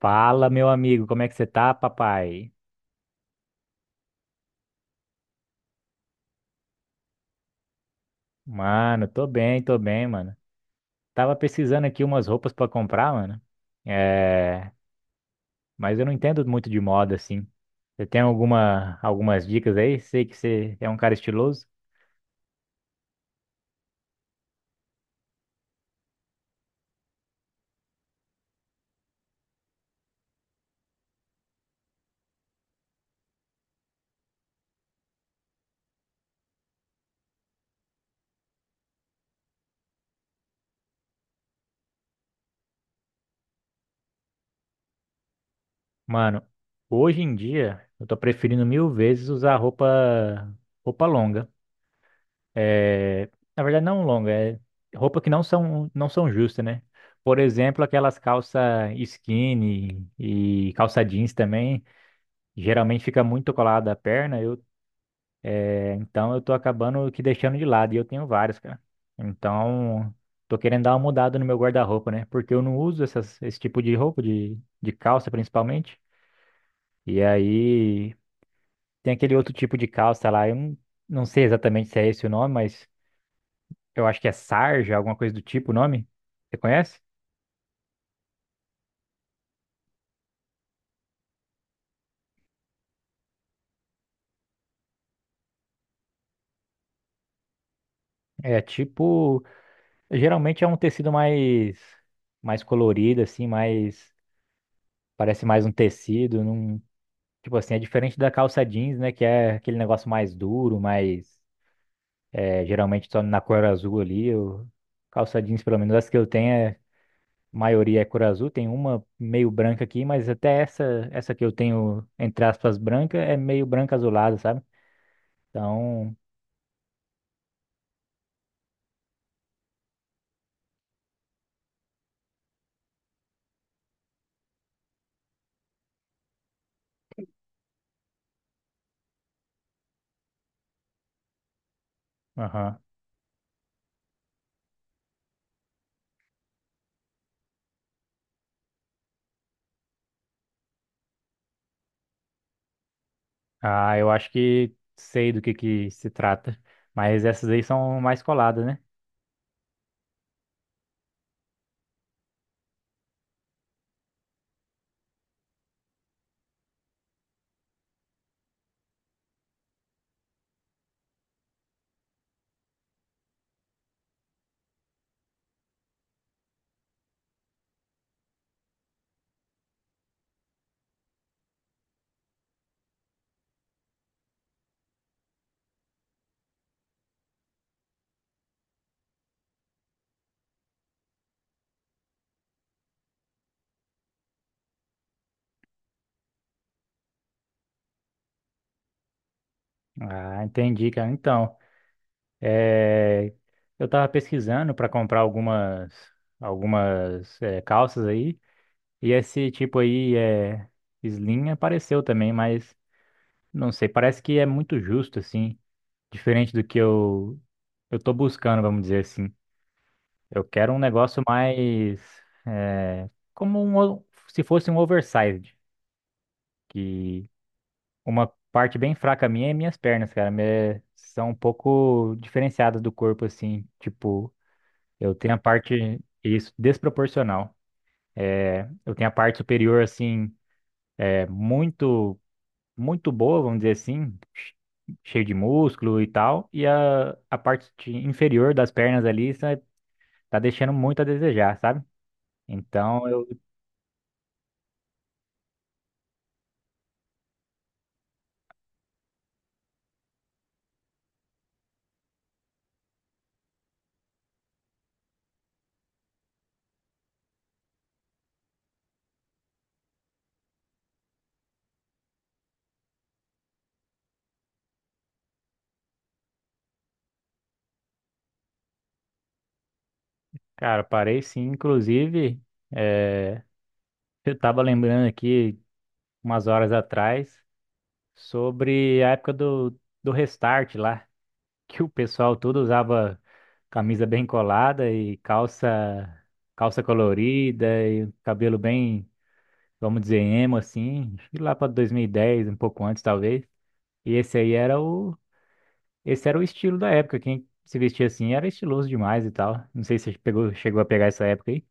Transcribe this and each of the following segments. Fala, meu amigo, como é que você tá, papai? Mano, tô bem, mano. Tava pesquisando aqui umas roupas pra comprar, mano. É, mas eu não entendo muito de moda assim. Você tem algumas dicas aí? Sei que você é um cara estiloso. Mano, hoje em dia eu tô preferindo mil vezes usar roupa longa. É, na verdade não longa, é roupa que não são justas, né? Por exemplo, aquelas calça skinny e calça jeans também. Geralmente fica muito colado à perna, então eu tô acabando que deixando de lado, e eu tenho vários, cara. Então, tô querendo dar uma mudada no meu guarda-roupa, né? Porque eu não uso esse tipo de roupa, de calça principalmente. E aí, tem aquele outro tipo de calça lá, eu não, não sei exatamente se é esse o nome, mas eu acho que é sarja, alguma coisa do tipo o nome. Você conhece? É tipo, geralmente é um tecido mais, mais colorido, assim, mais, parece mais um tecido, não. Tipo assim, é diferente da calça jeans, né? Que é aquele negócio mais duro, mais, é, geralmente só na cor azul ali. Eu... Calça jeans, pelo menos as que eu tenho, é... a maioria é cor azul. Tem uma meio branca aqui, mas até essa, essa que eu tenho, entre aspas, branca, é meio branca azulada, sabe? Então, aham. Ah, eu acho que sei do que se trata. Mas essas aí são mais coladas, né? Ah, entendi, cara. Então. É, eu tava pesquisando para comprar algumas, é, calças aí, e esse tipo aí é slim, apareceu também, mas não sei, parece que é muito justo assim, diferente do que eu tô buscando, vamos dizer assim. Eu quero um negócio mais, é, como um, o- se fosse um oversized, que uma parte bem fraca minha é minhas pernas, cara, me- são um pouco diferenciadas do corpo assim, tipo. Eu tenho a parte, isso, desproporcional. Eu tenho a parte superior, assim, é muito, muito boa, vamos dizer assim, cheio de músculo e tal. E a parte inferior das pernas ali sa- tá deixando muito a desejar, sabe? Então, eu, cara, parei sim. Inclusive, é, eu tava lembrando aqui, umas horas atrás, sobre a época do Restart lá, que o pessoal todo usava camisa bem colada e calça colorida e cabelo bem, vamos dizer, emo assim, acho que lá para 2010, um pouco antes talvez. E esse aí era o, esse era o estilo da época, quem se vestia assim era estiloso demais e tal. Não sei se você pegou, chegou a pegar essa época aí.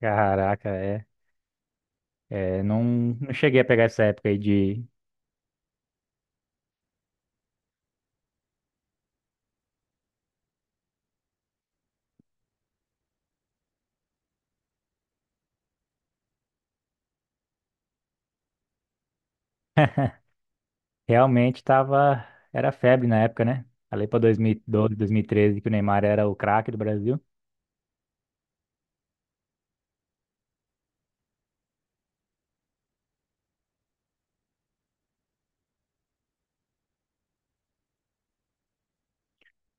Caraca, é, é, não cheguei a pegar essa época aí de realmente. Tava era febre na época, né? Ali para 2012, 2013, que o Neymar era o craque do Brasil.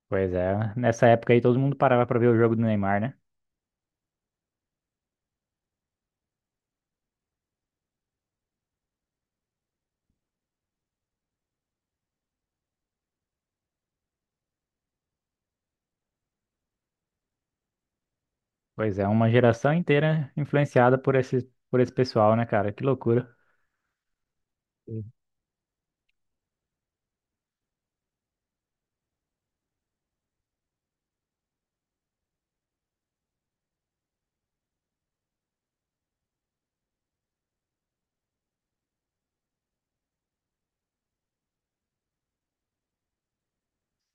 Pois é, nessa época aí todo mundo parava pra ver o jogo do Neymar, né? Pois é, uma geração inteira influenciada por esse pessoal, né, cara? Que loucura. Sim.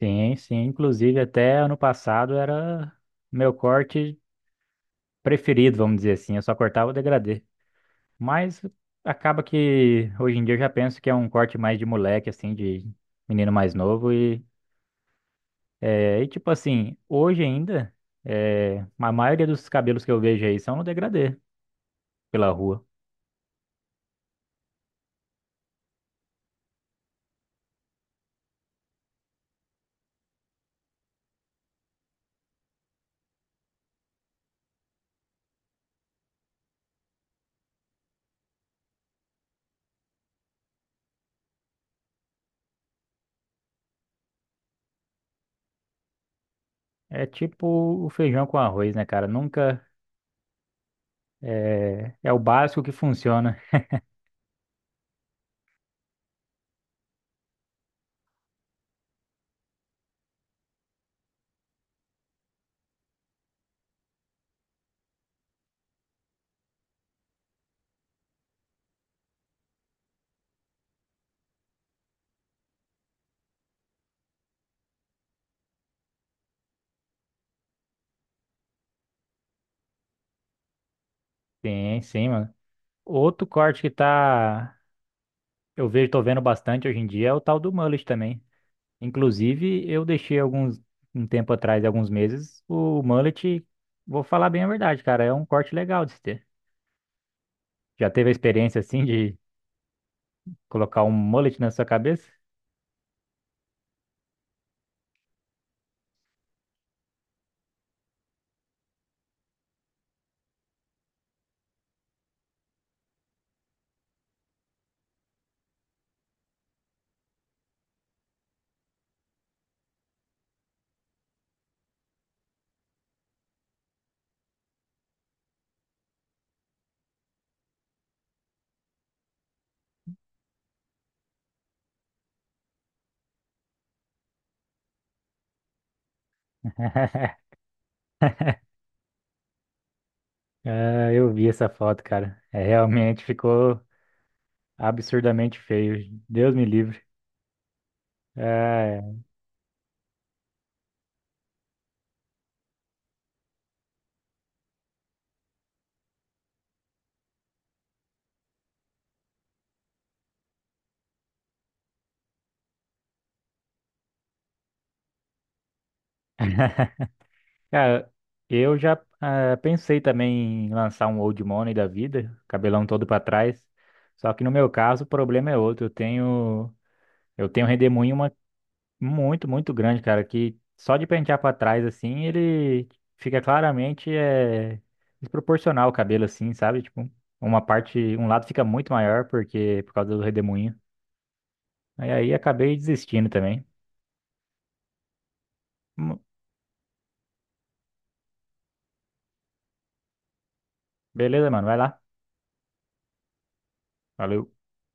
Sim, sim. Inclusive, até ano passado era meu corte preferido, vamos dizer assim. Eu só cortava o degradê. Mas acaba que hoje em dia eu já penso que é um corte mais de moleque, assim, de menino mais novo. E, é, e tipo assim, hoje ainda, é, a maioria dos cabelos que eu vejo aí são no degradê pela rua. É tipo o feijão com arroz, né, cara? Nunca é, é o básico que funciona. Sim, sim, mano. Outro corte que tá eu vejo, tô vendo bastante hoje em dia é o tal do mullet também. Inclusive, eu deixei alguns. Um tempo atrás, alguns meses, o mullet, vou falar bem a verdade, cara, é um corte legal de se ter. Já teve a experiência assim de colocar um mullet na sua cabeça? Ah, eu vi essa foto, cara. É, realmente ficou absurdamente feio. Deus me livre. Ah, cara, eu já, ah, pensei também em lançar um old money da vida, cabelão todo pra trás. Só que no meu caso, o problema é outro. Eu tenho um redemoinho uma- muito, muito grande, cara, que só de pentear pra trás assim, ele fica claramente, é, desproporcional o cabelo assim, sabe? Tipo, uma parte, um lado fica muito maior porque por causa do redemoinho. Aí acabei desistindo também. Hum. Beleza, mano, vai lá. Valeu.